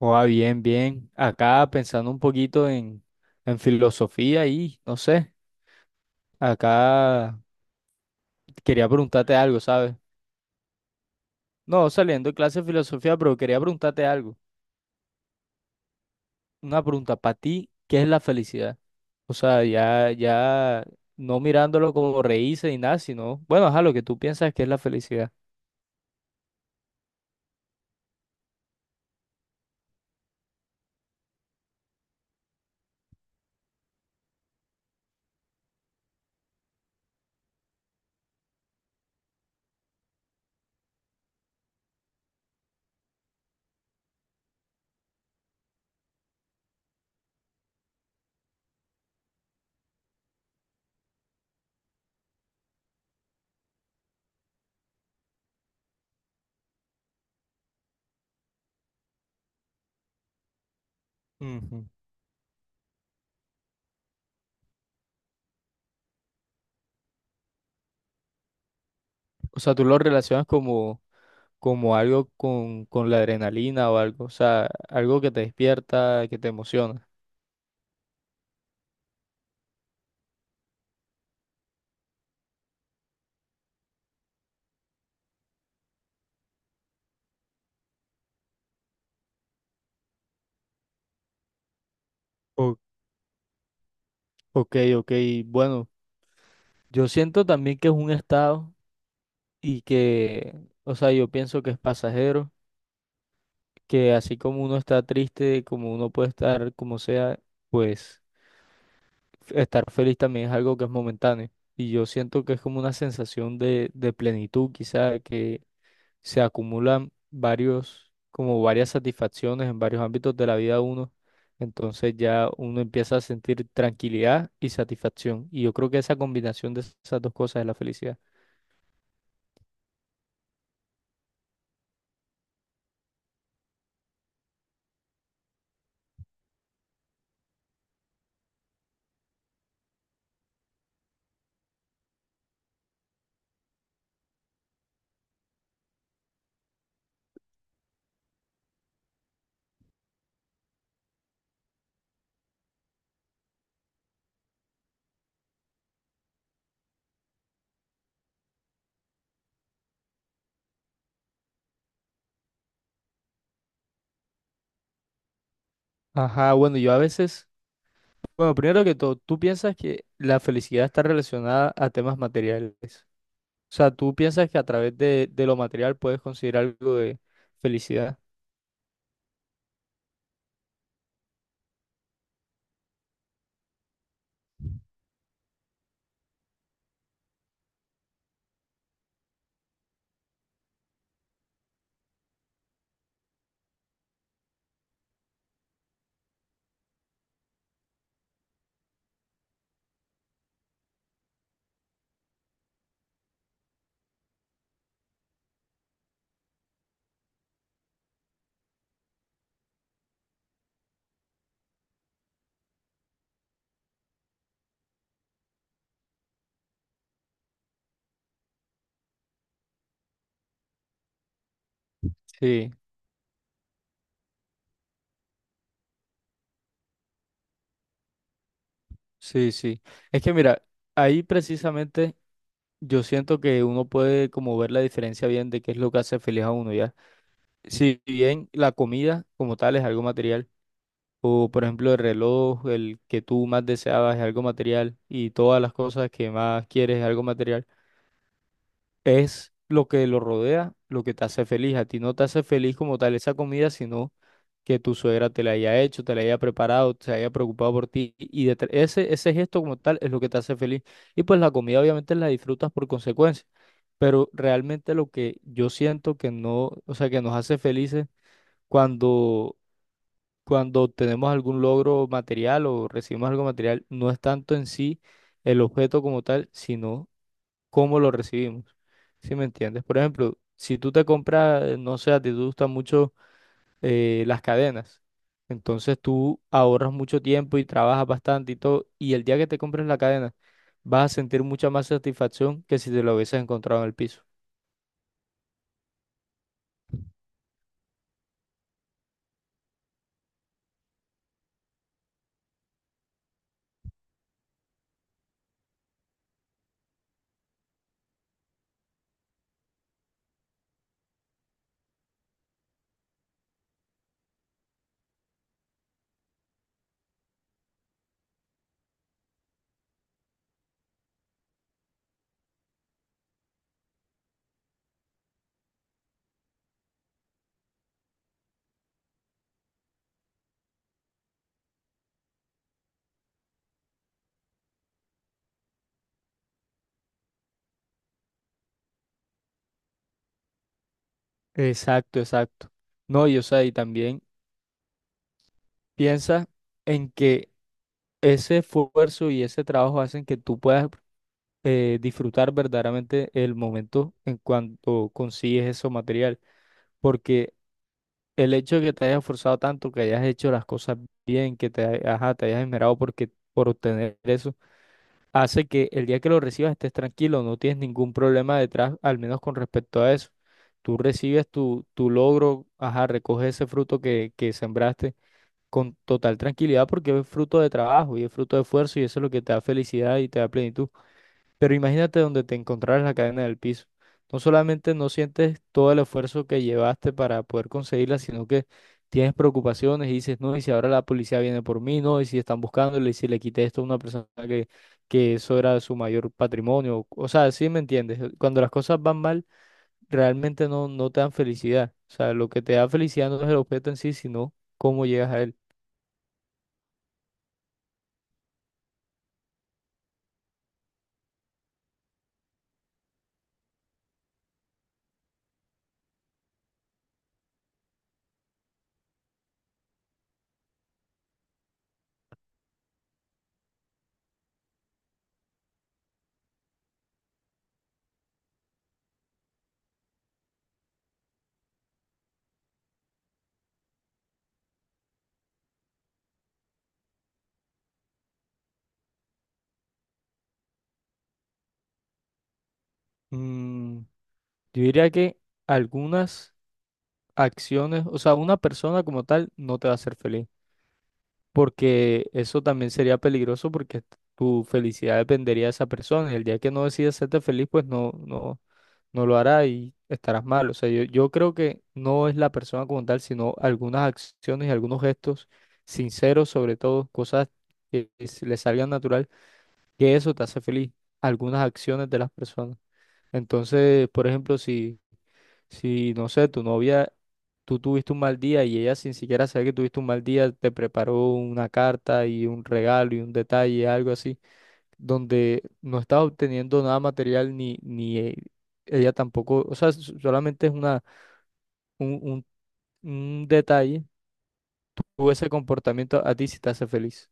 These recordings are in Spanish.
Oh, bien, bien. Acá pensando un poquito en filosofía y no sé, acá quería preguntarte algo, ¿sabes? No, saliendo de clase de filosofía, pero quería preguntarte algo. Una pregunta para ti, ¿qué es la felicidad? O sea, ya, ya no mirándolo como reírse ni nada, sino, bueno, ajá, lo que tú piensas que es la felicidad. Ujú. O sea, tú lo relacionas como, como algo con la adrenalina o algo, o sea, algo que te despierta, que te emociona. O- Ok, ok, bueno. Yo siento también que es un estado y que, o sea, yo pienso que es pasajero, que así como uno está triste, como uno puede estar como sea, pues estar feliz también es algo que es momentáneo. Y yo siento que es como una sensación de plenitud, quizá, que se acumulan varios, como varias satisfacciones en varios ámbitos de la vida de uno. Entonces ya uno empieza a sentir tranquilidad y satisfacción. Y yo creo que esa combinación de esas dos cosas es la felicidad. Ajá, bueno, yo a veces bueno, primero que todo, tú piensas que la felicidad está relacionada a temas materiales. O sea, tú piensas que a través de lo material puedes conseguir algo de felicidad. Sí, sí, sí. Es que mira, ahí precisamente yo siento que uno puede como ver la diferencia bien de qué es lo que hace feliz a uno, ¿ya? Si bien la comida como tal es algo material, o por ejemplo el reloj, el que tú más deseabas es algo material, y todas las cosas que más quieres es algo material. Es lo que lo rodea, lo que te hace feliz. A ti no te hace feliz como tal esa comida, sino que tu suegra te la haya hecho, te la haya preparado, se haya preocupado por ti. Y ese gesto como tal es lo que te hace feliz. Y pues la comida obviamente la disfrutas por consecuencia. Pero realmente lo que yo siento que no, o sea, que nos hace felices cuando, cuando tenemos algún logro material o recibimos algo material, no es tanto en sí el objeto como tal, sino cómo lo recibimos. ¿Sí me entiendes? Por ejemplo, si tú te compras, no sé, a ti te gustan mucho las cadenas, entonces tú ahorras mucho tiempo y trabajas bastante y todo, y el día que te compres la cadena vas a sentir mucha más satisfacción que si te lo hubieses encontrado en el piso. Exacto, exacto. No, y o sea, y también piensa en que ese esfuerzo y ese trabajo hacen que tú puedas disfrutar verdaderamente el momento en cuanto consigues ese material. Porque el hecho de que te hayas esforzado tanto, que hayas hecho las cosas bien, que ajá, te hayas esmerado por obtener eso, hace que el día que lo recibas estés tranquilo, no tienes ningún problema detrás, al menos con respecto a eso. Tú recibes tu logro, ajá, recoges ese fruto que sembraste con total tranquilidad porque es fruto de trabajo y es fruto de esfuerzo y eso es lo que te da felicidad y te da plenitud. Pero imagínate donde te encontraras la cadena del piso. No solamente no sientes todo el esfuerzo que llevaste para poder conseguirla, sino que tienes preocupaciones y dices, no, y si ahora la policía viene por mí, no, y si están buscándole, y si le quité esto a una persona que eso era su mayor patrimonio. O sea, sí me entiendes. Cuando las cosas van mal, realmente no te dan felicidad. O sea, lo que te da felicidad no es el objeto en sí, sino cómo llegas a él. Mm, yo diría que algunas acciones, o sea, una persona como tal no te va a hacer feliz, porque eso también sería peligroso porque tu felicidad dependería de esa persona y el día que no decidas hacerte feliz, pues no lo hará y estarás mal. O sea, yo creo que no es la persona como tal, sino algunas acciones y algunos gestos sinceros, sobre todo cosas que le salgan natural, que eso te hace feliz, algunas acciones de las personas. Entonces, por ejemplo, si, no sé, tu novia, tú tuviste un mal día y ella sin siquiera saber que tuviste un mal día, te preparó una carta y un regalo y un detalle, algo así, donde no estás obteniendo nada material ni ella tampoco, o sea, solamente es un, un, un detalle, tú ese comportamiento a ti sí te hace feliz.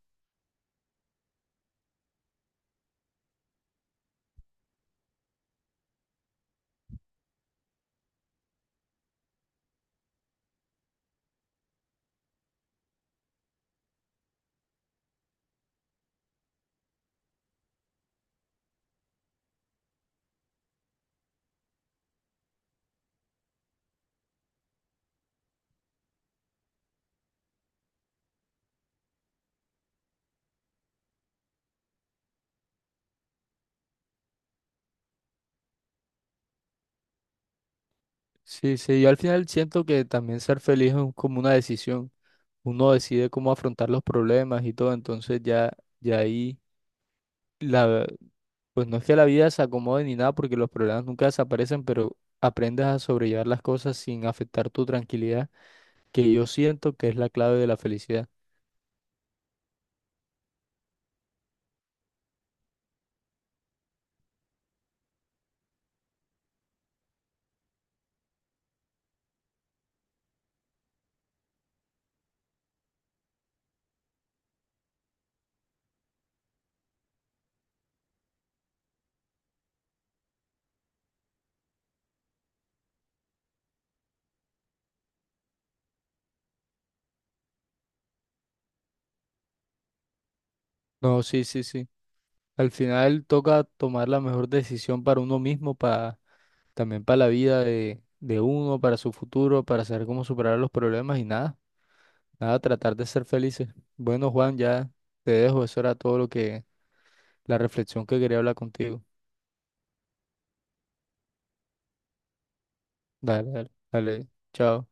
Sí, sí, yo al final siento que también ser feliz es como una decisión. Uno decide cómo afrontar los problemas y todo, entonces ya, ya ahí. Pues no es que la vida se acomode ni nada porque los problemas nunca desaparecen, pero aprendes a sobrellevar las cosas sin afectar tu tranquilidad, que yo siento que es la clave de la felicidad. No, sí, sí, sí. Al final toca tomar la mejor decisión para uno mismo, para también para la vida de uno, para su futuro, para saber cómo superar los problemas y nada, nada, tratar de ser felices. Bueno, Juan, ya te dejo. Eso era todo lo que, la reflexión que quería hablar contigo. Dale, dale, dale. Chao.